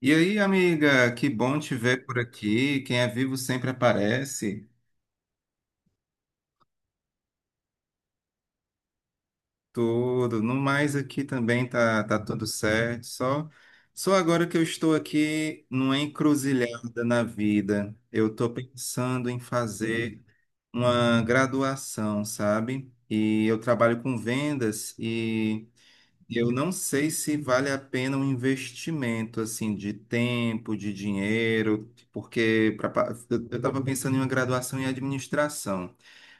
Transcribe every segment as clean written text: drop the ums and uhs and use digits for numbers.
E aí, amiga, que bom te ver por aqui. Quem é vivo sempre aparece. Tudo. No mais aqui também tá tudo certo. Só agora que eu estou aqui numa encruzilhada na vida. Eu estou pensando em fazer uma graduação, sabe? E eu trabalho com vendas. Eu não sei se vale a pena um investimento assim de tempo, de dinheiro, porque eu estava pensando em uma graduação em administração,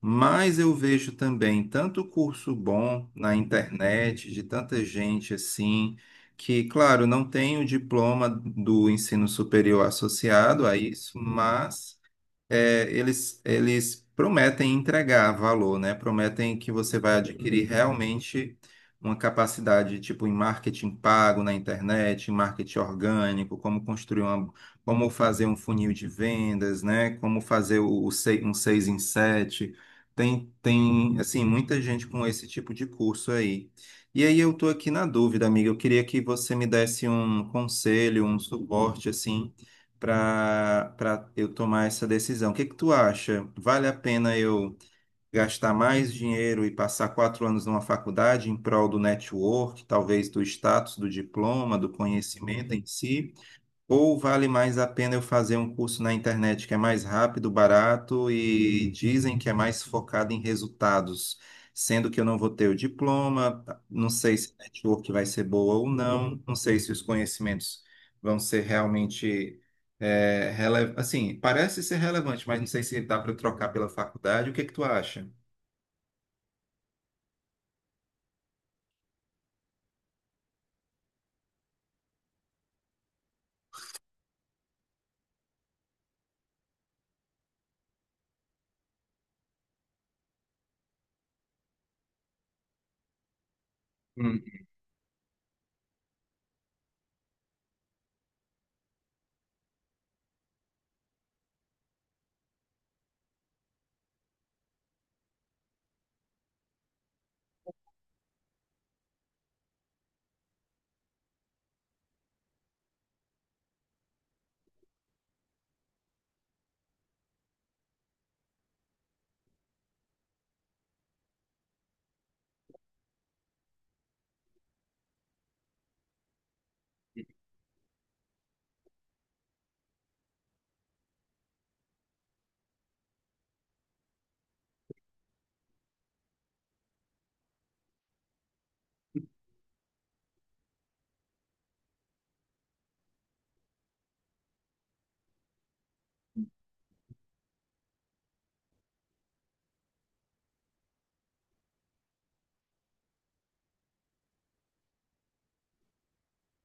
mas eu vejo também tanto curso bom na internet, de tanta gente assim, que, claro, não tem o diploma do ensino superior associado a isso, mas eles prometem entregar valor, né? Prometem que você vai adquirir realmente uma capacidade, tipo, em marketing pago na internet, em marketing orgânico, como construir uma, como fazer um funil de vendas, né? Como fazer um 6 em 7. Tem, assim, muita gente com esse tipo de curso aí. E aí eu tô aqui na dúvida, amiga. Eu queria que você me desse um conselho, um suporte, assim, para eu tomar essa decisão. O que que tu acha? Vale a pena eu gastar mais dinheiro e passar 4 anos numa faculdade em prol do network, talvez do status, do diploma, do conhecimento em si? Ou vale mais a pena eu fazer um curso na internet que é mais rápido, barato e dizem que é mais focado em resultados, sendo que eu não vou ter o diploma, não sei se a network vai ser boa ou não, não sei se os conhecimentos vão ser realmente assim, parece ser relevante, mas não sei se dá para eu trocar pela faculdade. O que é que tu acha? Hum,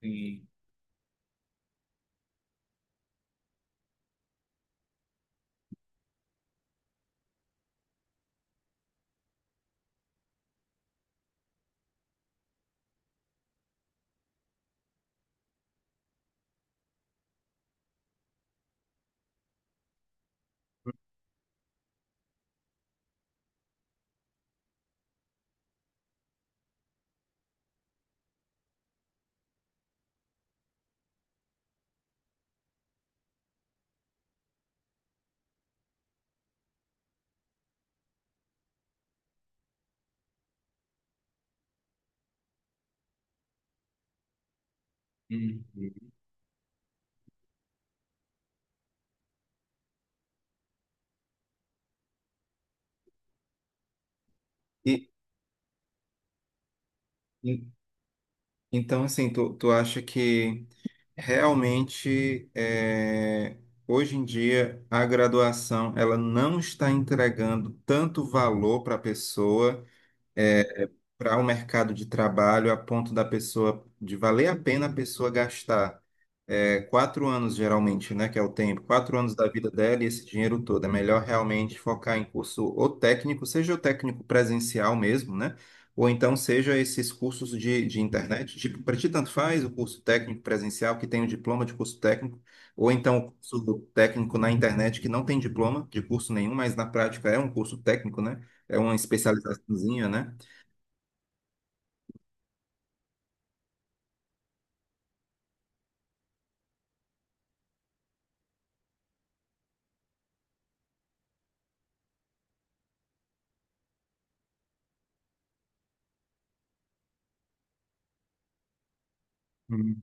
sim. Hum. E, e- então, assim, tu acha que realmente, hoje em dia, a graduação ela não está entregando tanto valor para a pessoa para o mercado de trabalho a ponto da pessoa de valer a pena a pessoa gastar 4 anos geralmente, né, que é o tempo, 4 anos da vida dela e esse dinheiro todo. É melhor realmente focar em curso ou técnico, seja o técnico presencial mesmo, né? Ou então seja esses cursos de internet, tipo, para ti tanto faz o curso técnico presencial que tem o diploma de curso técnico, ou então o curso técnico na internet que não tem diploma de curso nenhum, mas na prática é um curso técnico, né? É uma especializaçãozinha, né? Uhum,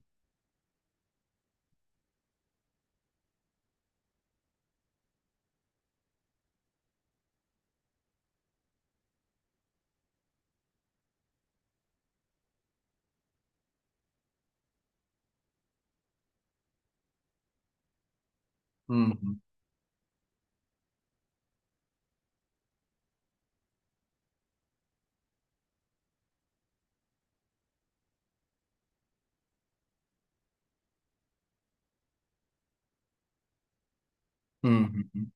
uhum, uhum.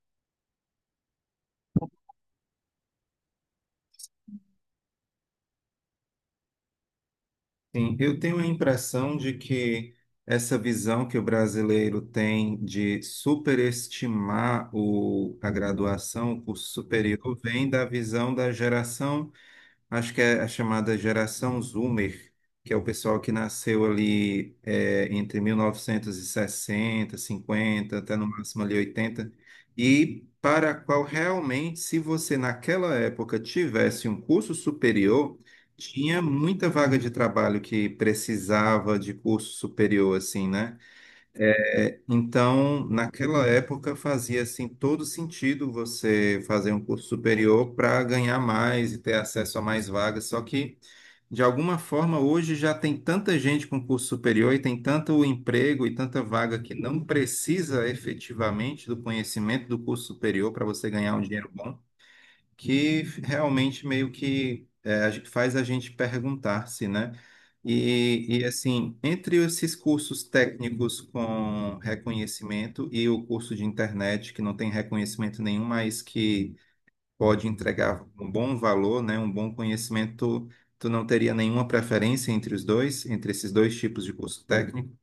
Sim, eu tenho a impressão de que essa visão que o brasileiro tem de superestimar a graduação, o curso superior, vem da visão da geração. Acho que é a chamada geração Zoomer, que é o pessoal que nasceu ali entre 1960, cinquenta até no máximo ali 80, e para a qual realmente, se você naquela época tivesse um curso superior, tinha muita vaga de trabalho que precisava de curso superior, assim, né? Então, naquela época fazia assim todo sentido você fazer um curso superior para ganhar mais e ter acesso a mais vagas, só que de alguma forma, hoje já tem tanta gente com curso superior e tem tanto emprego e tanta vaga que não precisa efetivamente do conhecimento do curso superior para você ganhar um dinheiro bom, que realmente meio que faz a gente perguntar-se, né? E assim, entre esses cursos técnicos com reconhecimento e o curso de internet que não tem reconhecimento nenhum, mas que pode entregar um bom valor, né, um bom conhecimento, tu não teria nenhuma preferência entre os dois, entre esses dois tipos de curso técnico?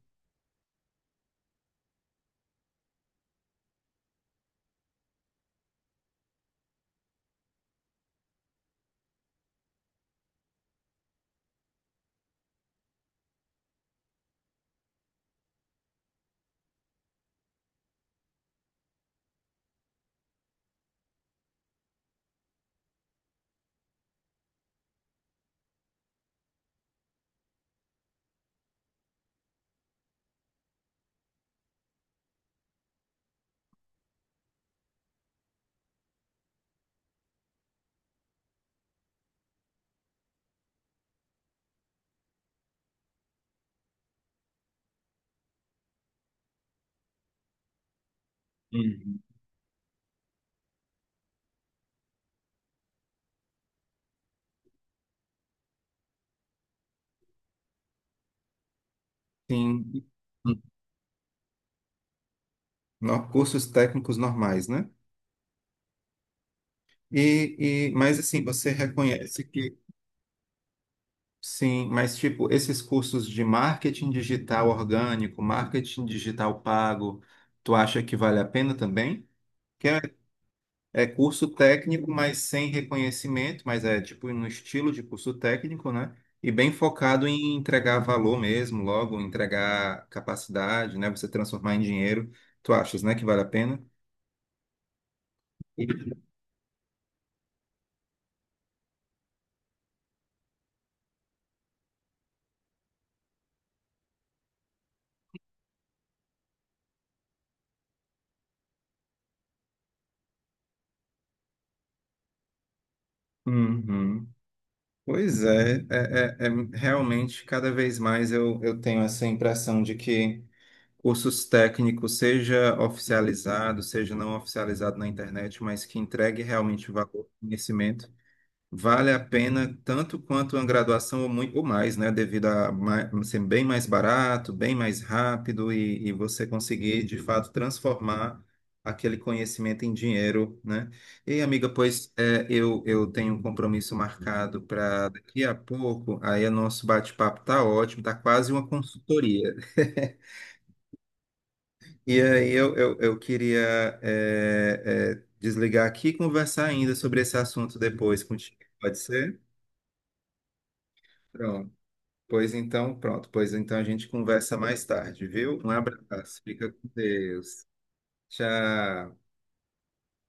Uhum. Sim, cursos técnicos normais, né? Mas assim, você reconhece que sim, mas tipo, esses cursos de marketing digital orgânico, marketing digital pago, tu acha que vale a pena também? Que é É curso técnico, mas sem reconhecimento, mas é tipo no estilo de curso técnico, né? E bem focado em entregar valor mesmo, logo, entregar capacidade, né? Você transformar em dinheiro. Tu achas, né, que vale a pena? Uhum. Pois é, realmente cada vez mais eu tenho essa impressão de que cursos técnicos, seja oficializado, seja não oficializado na internet, mas que entregue realmente valor, conhecimento. Vale a pena tanto quanto uma graduação ou, ou mais, né? Devido a ser bem mais barato, bem mais rápido e você conseguir, de fato, transformar aquele conhecimento em dinheiro, né? E, amiga, pois é, eu tenho um compromisso marcado para daqui a pouco, aí o nosso bate-papo tá ótimo, tá quase uma consultoria. E aí eu queria desligar aqui e conversar ainda sobre esse assunto depois contigo, pode ser? Pronto. Pois então, pronto. Pois então a gente conversa mais tarde, viu? Um abraço. Fica com Deus. Tchau.